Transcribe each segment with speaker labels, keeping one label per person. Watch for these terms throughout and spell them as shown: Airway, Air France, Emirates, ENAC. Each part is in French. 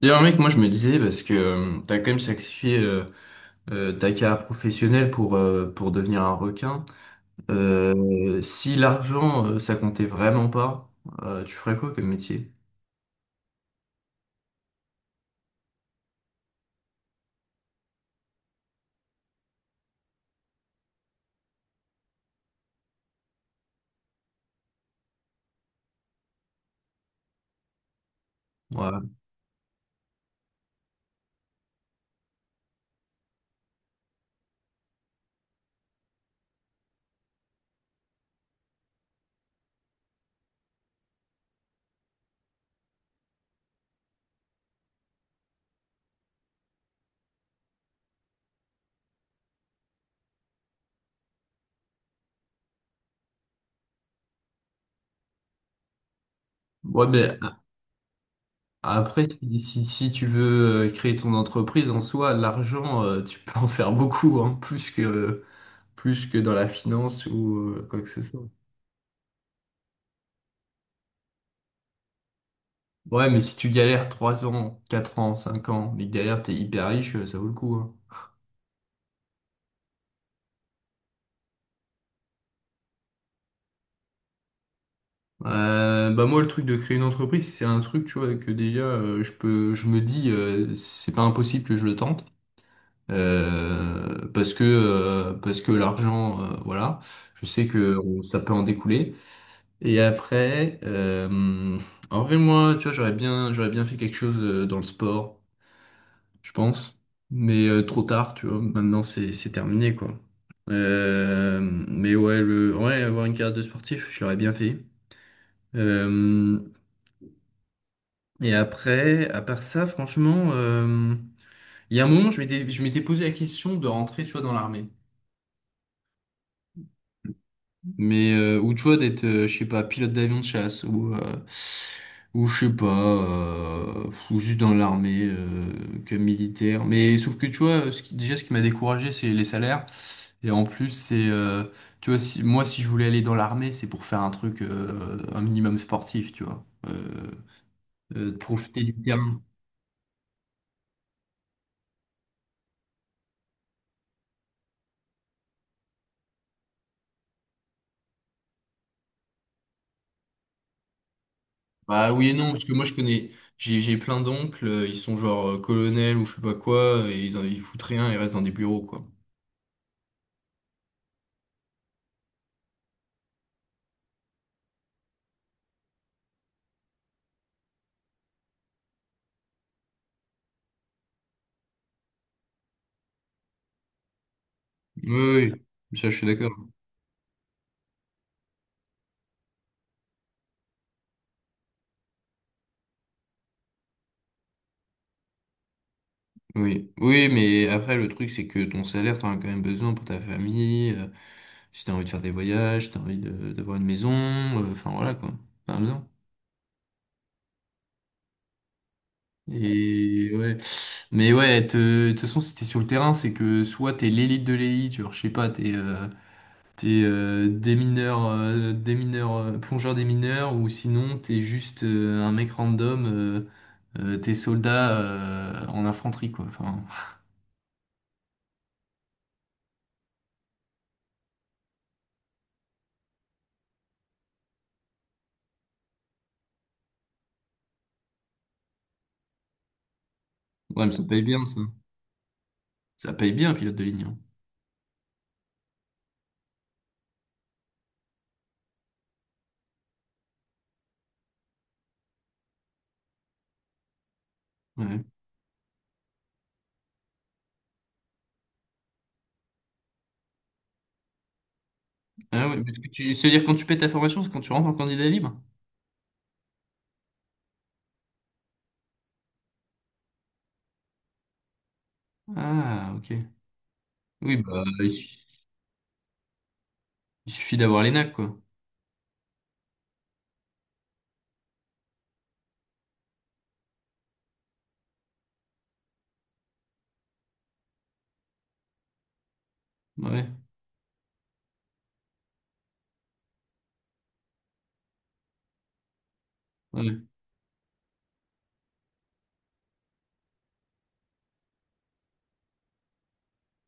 Speaker 1: D'ailleurs, mec, moi je me disais, parce que t'as quand même sacrifié ta carrière professionnelle pour devenir un requin, si l'argent ça comptait vraiment pas, tu ferais quoi comme métier? Ouais, ouais mais a- après, si tu veux créer ton entreprise en soi, l'argent, tu peux en faire beaucoup, hein, plus plus que dans la finance ou quoi que ce soit. Ouais, mais si tu galères trois ans, 4 ans, 5 ans, mais que derrière t'es hyper riche, ça vaut le coup, hein. Bah moi le truc de créer une entreprise c'est un truc tu vois que déjà je me dis c'est pas impossible que je le tente parce que l'argent voilà, je sais que ça peut en découler, et après, en vrai moi tu vois j'aurais bien fait quelque chose dans le sport je pense, mais trop tard tu vois maintenant c'est terminé quoi. Euh, mais ouais, le ouais avoir une carrière de sportif, je l'aurais bien fait. Euh, Et après, à part ça, franchement, il y a un moment, je m'étais posé la question de rentrer, tu vois, dans l'armée. Mais, ou tu vois, d'être, je sais pas, pilote d'avion de chasse, ou je sais pas, ou juste dans l'armée, que militaire. Mais sauf que, tu vois, déjà, ce qui m'a découragé, c'est les salaires. Et en plus, tu vois, si, moi, si je voulais aller dans l'armée, c'est pour faire un truc, un minimum sportif, tu vois. De profiter du terrain. Bah oui et non, parce que moi je connais, j'ai plein d'oncles, ils sont genre colonels ou je sais pas quoi, et ils foutent rien, ils restent dans des bureaux quoi. Oui, oui, ça je suis d'accord. Oui, oui, mais après le truc c'est que ton salaire t'en as quand même besoin pour ta famille, si t'as envie de faire des voyages, si t'as d'avoir une maison, enfin voilà quoi, t'en as besoin. Et ouais, mais de toute façon si t'es sur le terrain c'est que soit t'es l'élite de l'élite, genre je sais pas, t'es des mineurs, plongeur des mineurs, ou sinon t'es juste un mec random, t'es soldat en infanterie, quoi. Enfin, ouais, mais ça paye bien, ça. Ça paye bien, pilote de ligne, hein. Ouais. Ah ouais, mais c'est-à-dire quand tu paies ta formation, c'est quand tu rentres en candidat libre? Ah, ok. Oui, il suffit d'avoir l'ENAC, quoi. Ouais, ouais,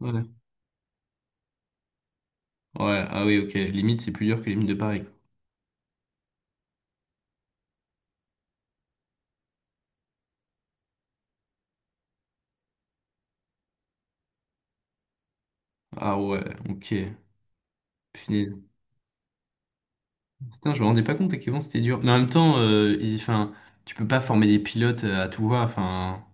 Speaker 1: ouais. Ouais, ah oui, ok. Limite, c'est plus dur que les mines de Paris, quoi. Ah ouais, ok. Putain, je me rendais pas compte à quel point c'était dur. Mais en même temps, enfin, tu peux pas former des pilotes à tout va. Enfin,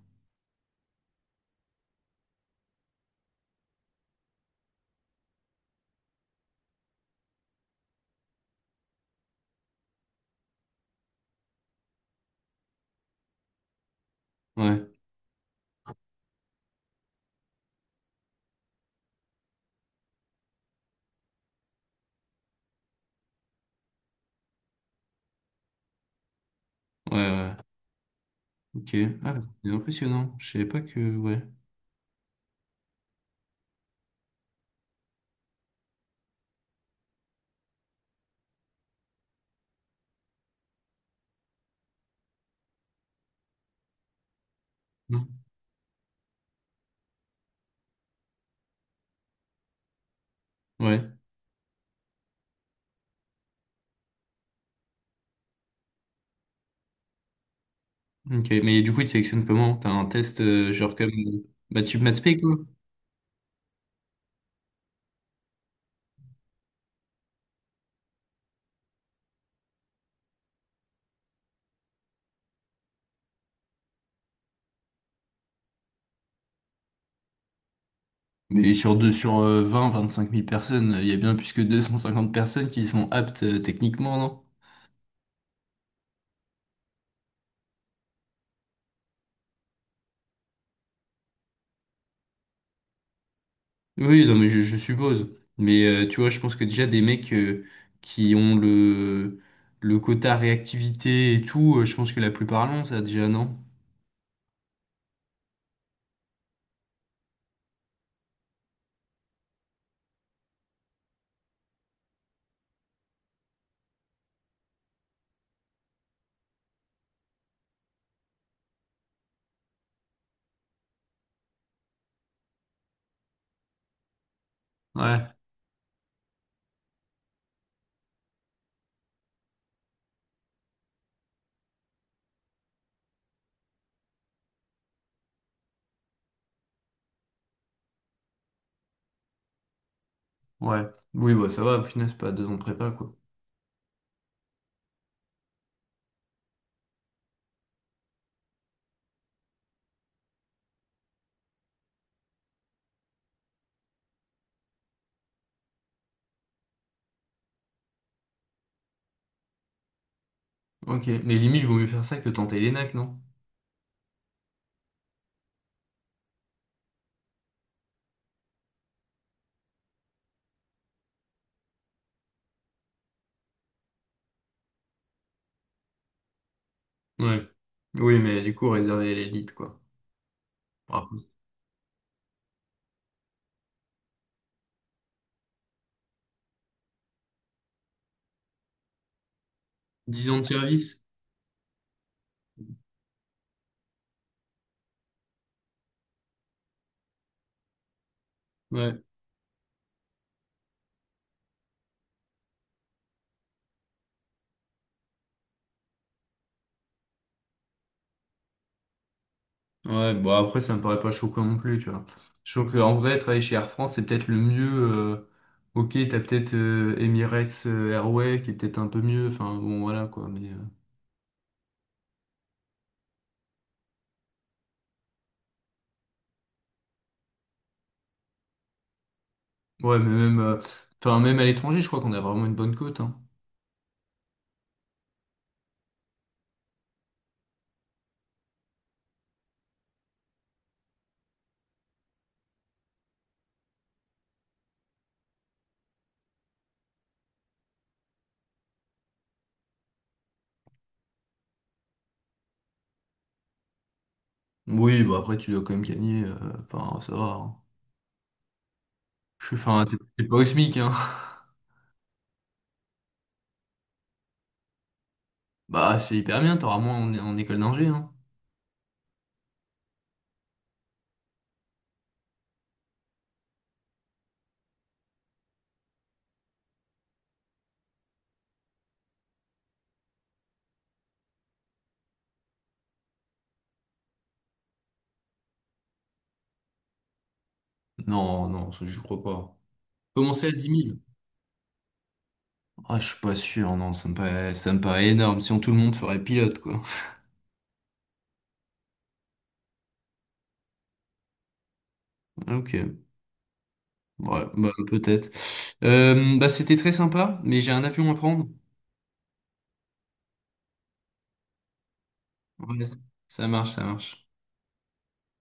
Speaker 1: ouais, ouais, ouais. Ok. Ah, bah, c'est impressionnant. Je savais pas que. Ouais. Non. Ouais. Ok. Mais du coup, ils te sélectionnent comment? T'as un test genre comme bah, tu maths spé, quoi. Mais sur vingt, vingt-cinq mille personnes, il y a bien plus que 250 personnes qui sont aptes techniquement, non? Oui, non, mais je suppose. Mais tu vois, je pense que déjà des mecs qui ont le quota réactivité et tout, je pense que la plupart l'ont, ça déjà, non? Ouais, ouais. Oui, bah ça va, au final, c'est pas deux ans de prépa, quoi. Ok, mais limite, vaut mieux faire ça que tenter l'ENAC, non? Ouais. Oui, mais du coup, réservé à l'élite, quoi. Ah. dix ans de service? Ouais. Ouais, bon après ça me paraît pas choquant non plus, tu vois. Je trouve qu'en vrai, travailler chez Air France, c'est peut-être le mieux. Ok, t'as peut-être Emirates Airway qui est peut-être un peu mieux, enfin bon voilà quoi, mais ouais, mais même enfin même à l'étranger, je crois qu'on a vraiment une bonne cote, hein. Oui, bah après tu dois quand même gagner, enfin ça va, hein. Je suis enfin t'es pas au SMIC, hein. Bah c'est hyper bien, t'auras moins en école d'ingé, hein. Non, non, ça, je crois pas. Commencer à dix mille. Ah, je suis pas sûr, non, ça me paraît énorme. Sinon tout le monde ferait pilote, quoi. Ok, ouais, bah, peut-être. Bah, c'était très sympa, mais j'ai un avion à prendre. Ouais, ça marche, ça marche.